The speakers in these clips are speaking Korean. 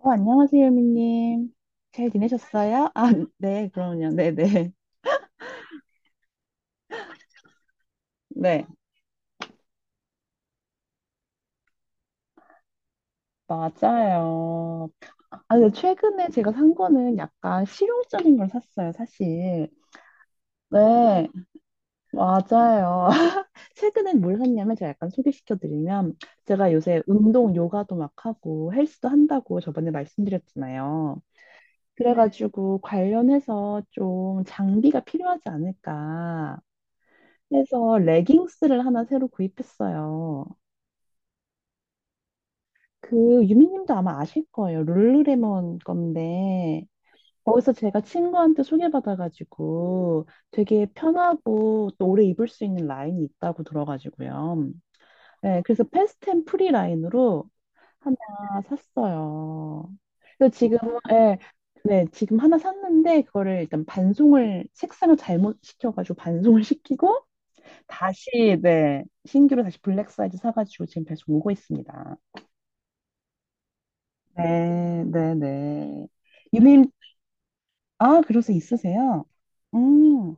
안녕하세요, 유미님. 잘 지내셨어요? 네, 그럼요. 네네. 네, 맞아요. 근데 최근에 제가 산 거는 약간 실용적인 걸 샀어요, 사실. 네, 맞아요. 최근에 뭘 샀냐면 제가 약간 소개시켜드리면 제가 요새 운동, 요가도 막 하고 헬스도 한다고 저번에 말씀드렸잖아요. 그래가지고 관련해서 좀 장비가 필요하지 않을까 해서 레깅스를 하나 새로 구입했어요. 그 유미님도 아마 아실 거예요. 룰루레몬 건데 거기서 제가 친구한테 소개받아가지고 되게 편하고 또 오래 입을 수 있는 라인이 있다고 들어가지고요. 네, 그래서 패스트 앤 프리 라인으로 하나 샀어요. 그래서 지금은 네, 네, 지금 하나 샀는데 그거를 일단 반송을 색상을 잘못 시켜가지고 반송을 시키고 다시 네, 신규로 다시 블랙 사이즈 사가지고 지금 배송 오고 있습니다. 네, 네, 네. 유민, 그래서 있으세요? 음,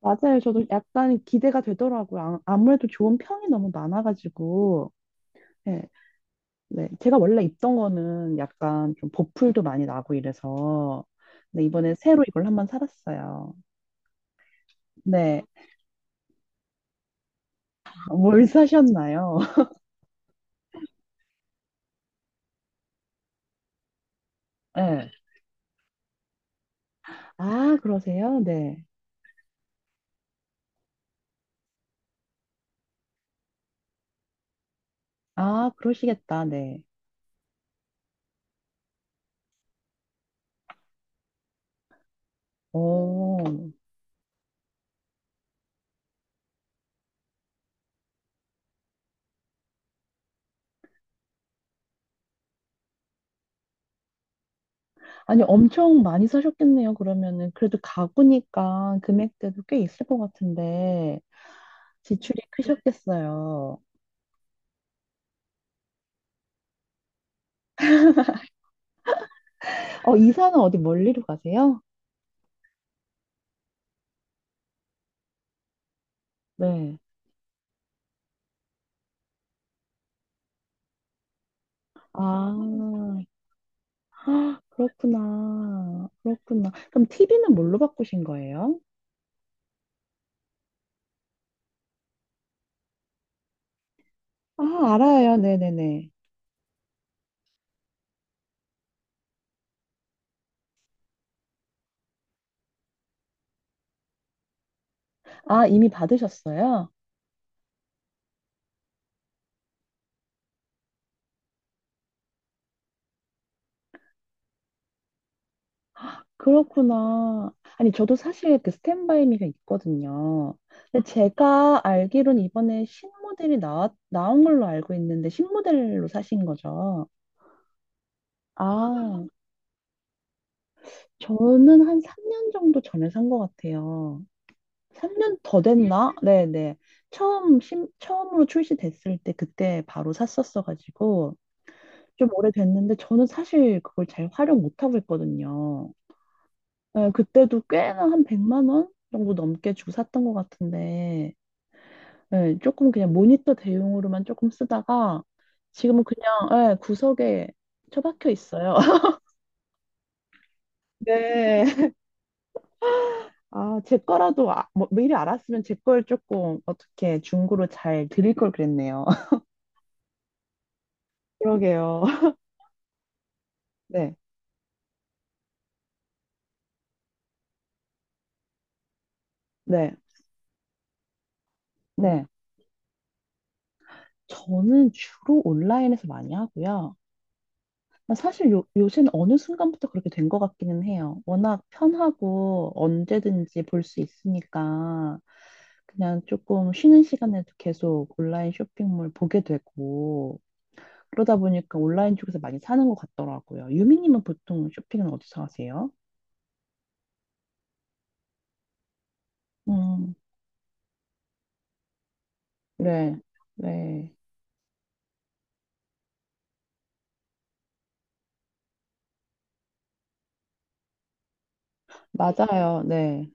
맞아요. 저도 약간 기대가 되더라고요. 아무래도 좋은 평이 너무 많아가지고. 네, 네. 제가 원래 입던 거는 약간 좀 보풀도 많이 나고 이래서. 근데 이번에 새로 이걸 한번 살았어요. 네. 뭘 사셨나요? 네. 아, 그러세요? 네. 아, 그러시겠다. 네. 오. 아니, 엄청 많이 사셨겠네요, 그러면은. 그래도 가구니까 금액대도 꽤 있을 것 같은데, 지출이 크셨겠어요. 어, 이사는 어디 멀리로 가세요? 네. 아, 헉, 그렇구나. 그렇구나. 그럼 TV는 뭘로 바꾸신 거예요? 아, 알아요. 네네네. 아, 이미 받으셨어요? 그렇구나. 아니, 저도 사실 그 스탠바이 미가 있거든요. 근데 제가 알기로는 이번에 나온 걸로 알고 있는데, 신모델로 사신 거죠? 아, 저는 한 3년 정도 전에 산 것 같아요. 3년 더 됐나? 네네. 처음으로 출시됐을 때 그때 바로 샀었어가지고, 좀 오래됐는데, 저는 사실 그걸 잘 활용 못하고 있거든요. 예, 그때도 꽤나 한 100만 원 정도 넘게 주고 샀던 것 같은데, 예, 조금 그냥 모니터 대용으로만 조금 쓰다가, 지금은 그냥, 예, 구석에 처박혀 있어요. 네. 아, 제 거라도, 아, 뭐, 미리 알았으면 제 걸 조금 어떻게 중고로 잘 드릴 걸 그랬네요. 그러게요. 네, 네, 네. 저는 주로 온라인에서 많이 하고요. 요새는 어느 순간부터 그렇게 된 것 같기는 해요. 워낙 편하고 언제든지 볼 수 있으니까 그냥 조금 쉬는 시간에도 계속 온라인 쇼핑몰 보게 되고 그러다 보니까 온라인 쪽에서 많이 사는 것 같더라고요. 유미님은 보통 쇼핑은 어디서 하세요? 음, 네, 네. 맞아요. 네.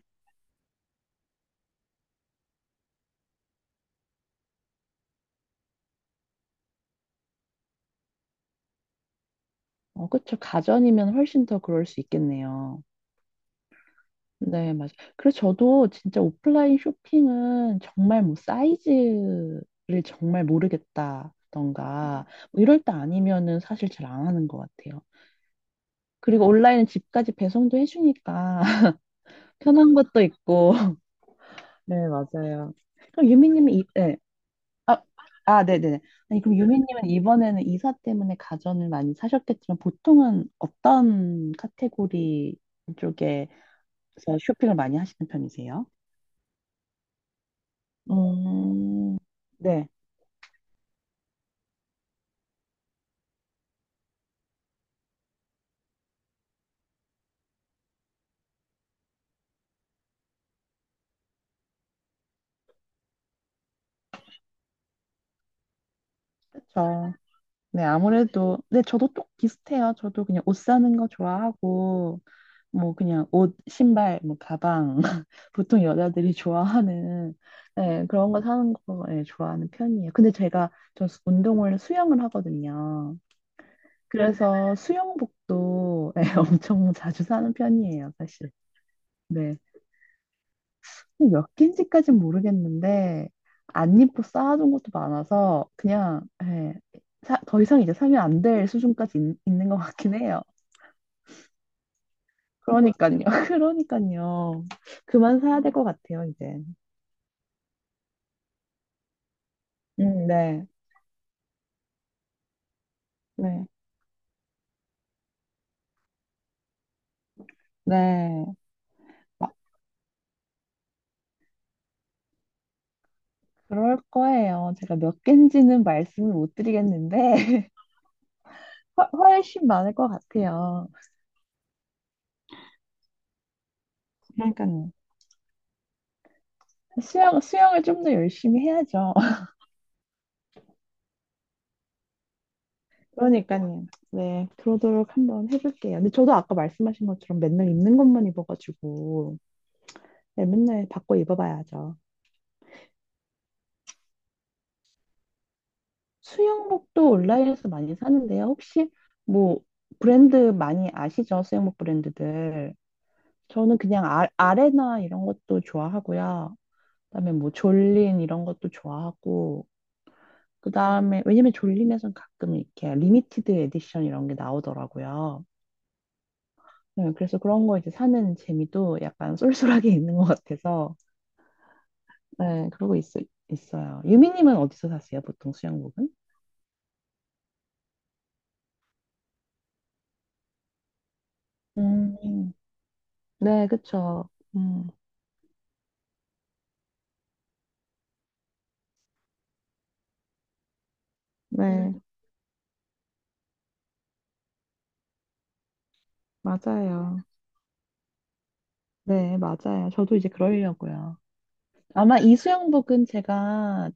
어, 그쵸. 가전이면 훨씬 더 그럴 수 있겠네요. 네, 맞아요. 그래서 저도 진짜 오프라인 쇼핑은 정말 뭐 사이즈를 정말 모르겠다던가 뭐 이럴 때 아니면은 사실 잘 안 하는 것 같아요. 그리고 온라인은 집까지 배송도 해주니까 편한 것도 있고. 네, 맞아요. 그럼 유미님은 이- 네. 아, 네네네. 아니, 그럼 유미님은 이번에는 이사 때문에 가전을 많이 사셨겠지만 보통은 어떤 카테고리 쪽에서 쇼핑을 많이 하시는 편이세요? 음, 네. 그렇죠. 네, 저도 똑 비슷해요. 저도 그냥 옷 사는 거 좋아하고 뭐 그냥 옷, 신발, 뭐 가방 보통 여자들이 좋아하는 네, 그런 거 사는 거 네, 좋아하는 편이에요. 근데 제가 운동을 수영을 하거든요. 그래서 수영복도 예, 엄청 자주 사는 편이에요, 사실. 네. 몇 개인지까진 모르겠는데 안 입고 쌓아둔 것도 많아서 그냥 예, 더 이상 이제 사면 안 될 수준까지 있, 는것 같긴 해요. 그러니까요. 그러니까요. 그만 사야 될 것 같아요, 이제. 네. 네. 네. 아, 그럴 거예요. 제가 몇 개인지는 말씀을 못 드리겠는데 훨씬 많을 것 같아요. 그러니까요. 수영을 좀 더 열심히 해야죠. 그러니까요. 네, 그러도록 한번 해볼게요. 근데 저도 아까 말씀하신 것처럼 맨날 입는 것만 입어가지고, 네, 맨날 바꿔 입어봐야죠. 수영복도 온라인에서 많이 사는데요. 혹시 뭐 브랜드 많이 아시죠? 수영복 브랜드들. 저는 그냥 아레나 이런 것도 좋아하고요. 그다음에 뭐 졸린 이런 것도 좋아하고, 그다음에 왜냐면 졸린에선 가끔 이렇게 리미티드 에디션 이런 게 나오더라고요. 네, 그래서 그런 거 이제 사는 재미도 약간 쏠쏠하게 있는 것 같아서, 네, 그러고 있, 있어요. 유미님은 어디서 사세요, 보통 수영복은? 음, 네, 그쵸. 음, 네, 맞아요. 네, 맞아요. 저도 이제 그러려고요. 아마 이 수영복은 제가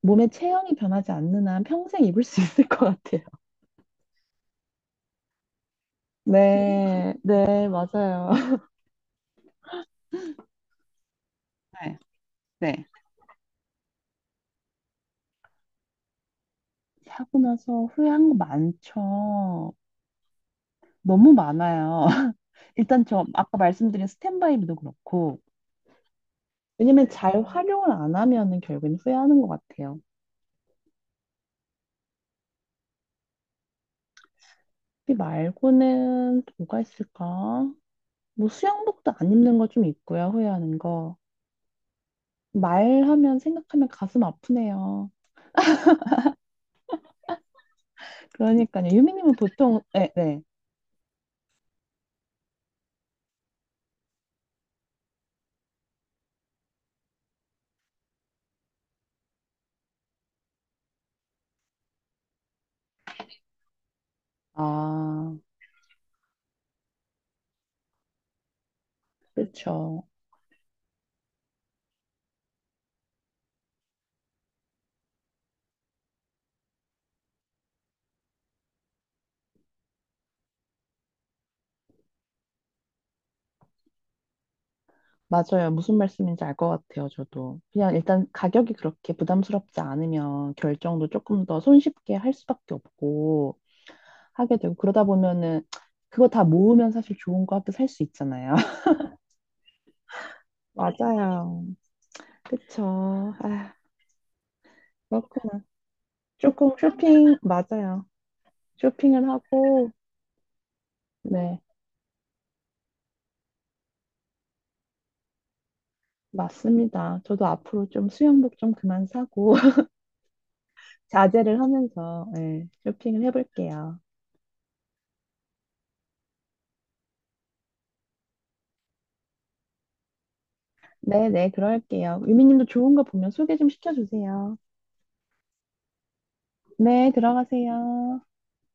몸의 체형이 변하지 않는 한 평생 입을 수 있을 것 같아요. 네, 네, 맞아요. 네, 네. 사고 나서 후회한 거 많죠. 너무 많아요. 일단 저 아까 말씀드린 스탠바이도 그렇고, 왜냐면 잘 활용을 안 하면은 결국엔 후회하는 것 같아요. 이 말고는 또 뭐가 있을까? 뭐 수영복도 안 입는 거 좀 있고요, 후회하는 거. 말하면 생각하면 가슴 아프네요. 그러니까요. 유미님은 보통, 네, 네. 아, 그렇죠. 맞아요. 무슨 말씀인지 알 것 같아요, 저도. 그냥 일단 가격이 그렇게 부담스럽지 않으면 결정도 조금 더 손쉽게 할 수밖에 없고 하게 되고 그러다 보면은 그거 다 모으면 사실 좋은 거 학교 살 수 있잖아요. 맞아요. 그쵸. 아, 그렇구나. 조금 쇼핑, 맞아요. 쇼핑을 하고, 네, 맞습니다. 저도 앞으로 좀 수영복 좀 그만 사고 자제를 하면서 네, 쇼핑을 해볼게요. 네네, 그럴게요. 유미님도 좋은 거 보면 소개 좀 시켜주세요. 네, 들어가세요.